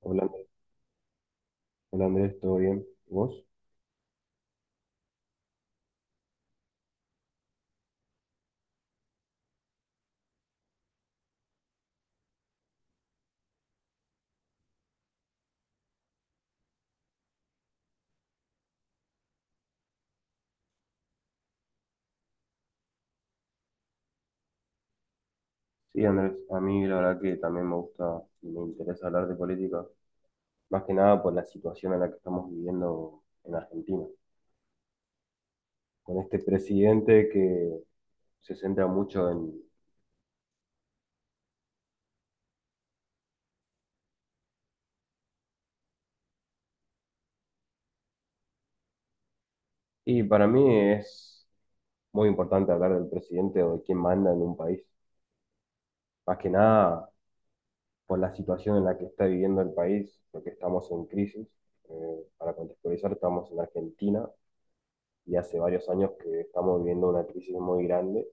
Hola, Andrés. ¿Todo bien? ¿Vos? Sí, Andrés, a mí la verdad que también me gusta y me interesa hablar de política, más que nada por la situación en la que estamos viviendo en Argentina, con este presidente que se centra mucho en... Y para mí es muy importante hablar del presidente o de quién manda en un país, más que nada por la situación en la que está viviendo el país, porque estamos en crisis. Para contextualizar, estamos en Argentina y hace varios años que estamos viviendo una crisis muy grande,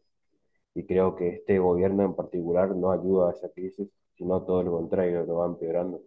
y creo que este gobierno en particular no ayuda a esa crisis, sino todo lo contrario, lo va empeorando.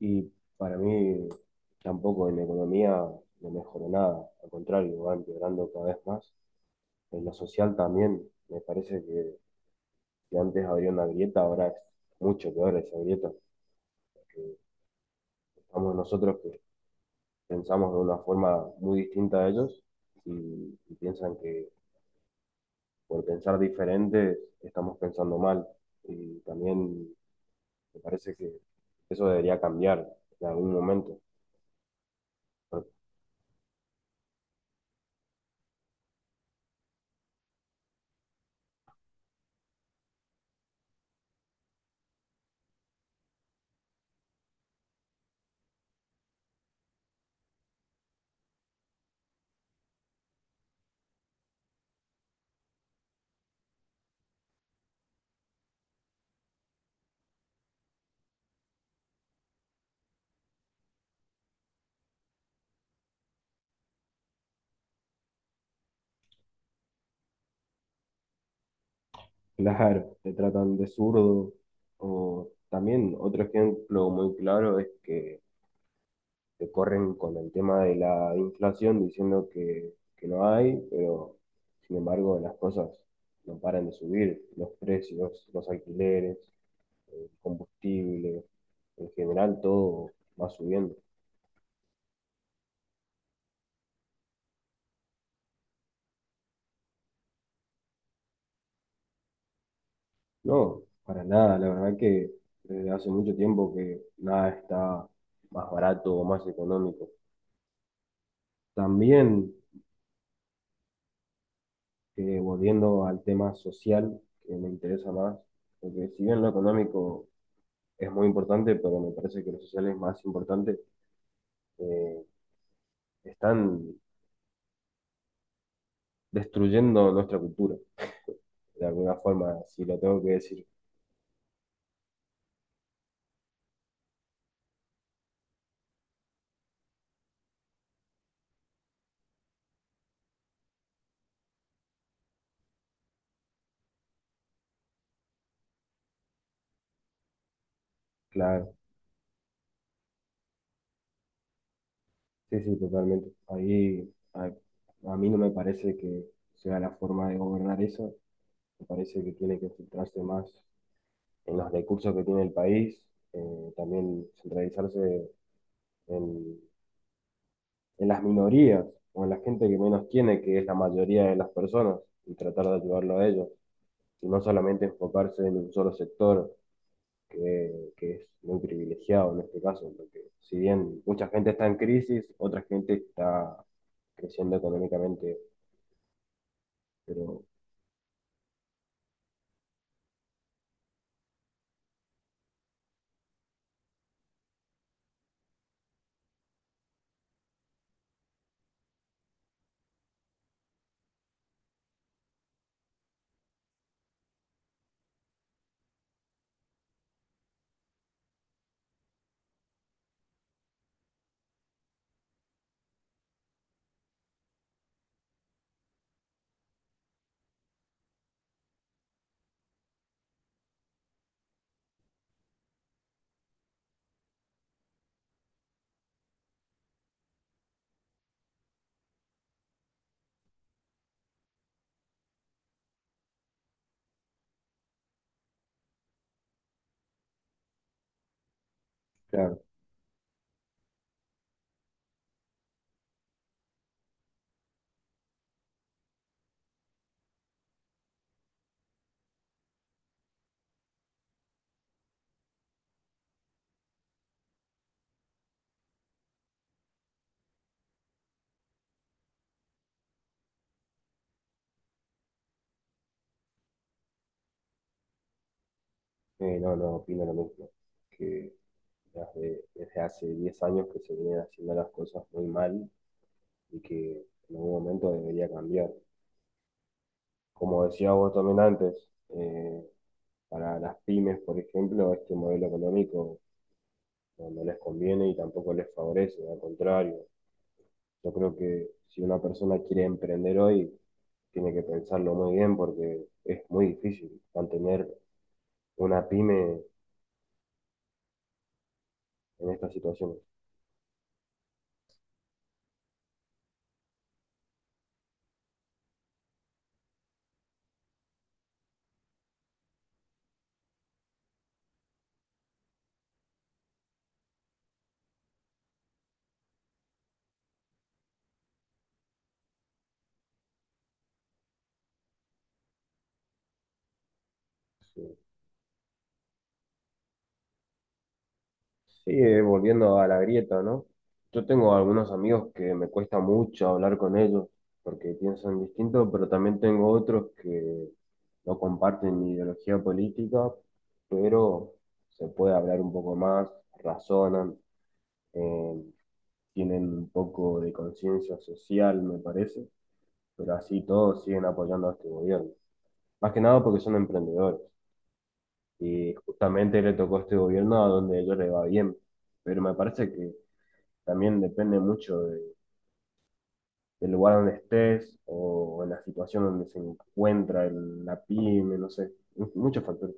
Y para mí tampoco en la economía no mejoró nada, al contrario, va empeorando cada vez más. En lo social también, me parece que antes había una grieta, ahora es mucho peor esa grieta, porque estamos nosotros que pensamos de una forma muy distinta a ellos y, y piensan que por pensar diferente estamos pensando mal. Y también me parece que eso debería cambiar en algún momento. Pero claro, te tratan de zurdo. O también otro ejemplo muy claro es que te corren con el tema de la inflación diciendo que no hay, pero sin embargo las cosas no paran de subir, los precios, los alquileres, el combustible, en general todo va subiendo. No, para nada, la verdad que desde hace mucho tiempo que nada está más barato o más económico. También, volviendo al tema social, que me interesa más, porque si bien lo económico es muy importante, pero me parece que lo social es más importante, eh, están destruyendo nuestra cultura, de alguna forma, si lo tengo que decir, claro. Sí, sí, totalmente. Ahí, a mí no me parece que sea la forma de gobernar eso. Me parece que tiene que centrarse más en los recursos que tiene el país, también centralizarse en, en las minorías o en la gente que menos tiene, que es la mayoría de las personas, y tratar de ayudarlo a ellos, y no solamente enfocarse en un solo sector que es muy privilegiado en este caso, porque si bien mucha gente está en crisis, otra gente está creciendo económicamente, pero claro. No opino lo mismo, que desde, desde hace 10 años que se vienen haciendo las cosas muy mal y que en algún momento debería cambiar. Como decía vos también antes, para las pymes, por ejemplo, este modelo económico no les conviene y tampoco les favorece, al contrario. Yo creo que si una persona quiere emprender hoy, tiene que pensarlo muy bien porque es muy difícil mantener una pyme en estas situaciones. Sí. Sí, volviendo a la grieta, ¿no? Yo tengo algunos amigos que me cuesta mucho hablar con ellos porque piensan distinto, pero también tengo otros que no comparten mi ideología política, pero se puede hablar un poco más, razonan, eh, tienen un poco de conciencia social, me parece, pero así todos siguen apoyando a este gobierno. Más que nada porque son emprendedores. Y justamente le tocó a este gobierno a donde a ellos les va bien. Pero me parece que también depende mucho del lugar donde estés o en la situación donde se encuentra la pyme, no sé, muchos factores.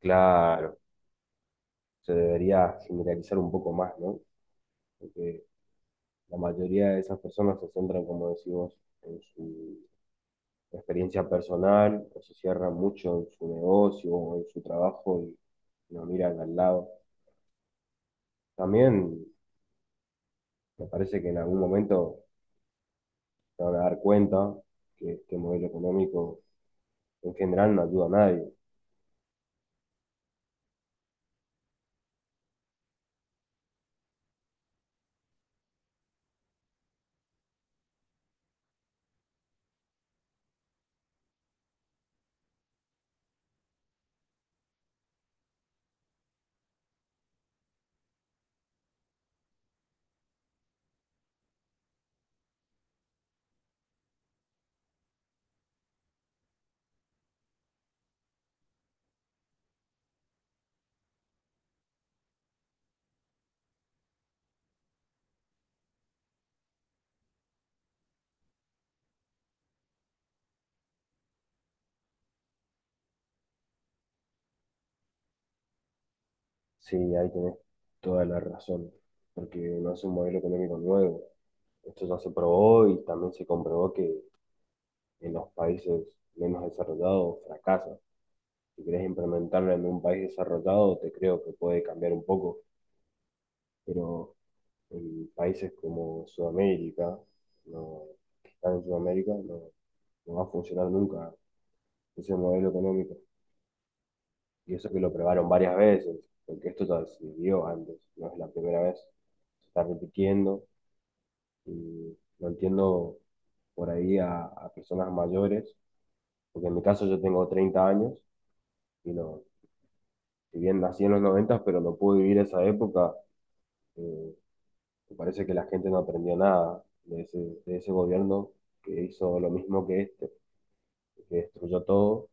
Claro, se debería generalizar un poco más, ¿no? Porque la mayoría de esas personas se centran, como decimos, en su experiencia personal, o se cierran mucho en su negocio o en su trabajo y no miran al lado. También me parece que en algún momento se van a dar cuenta que este modelo económico en general no ayuda a nadie. Sí, ahí tenés toda la razón, porque no es un modelo económico nuevo. Esto ya se probó y también se comprobó que en los países menos desarrollados fracasa. Si querés implementarlo en un país desarrollado, te creo que puede cambiar un poco, pero en países como Sudamérica, no, que están en Sudamérica, no, no va a funcionar nunca ese modelo económico. Y eso que lo probaron varias veces, porque esto ya se vio antes, no es la primera vez, se está repitiendo. Y lo entiendo por ahí a personas mayores, porque en mi caso yo tengo 30 años y no, si bien nací en los 90, pero no pude vivir esa época, eh, me parece que la gente no aprendió nada de ese, de ese gobierno que hizo lo mismo que este, que destruyó todo.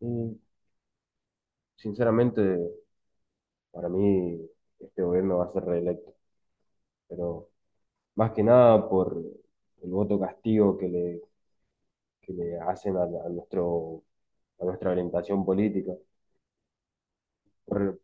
Y sinceramente, para mí este gobierno va a ser reelecto, pero más que nada por el voto castigo que le hacen a nuestro, a nuestra orientación política. Bueno,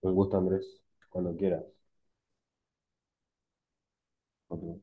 un gusto, Andrés. Cuando quieras. Ok.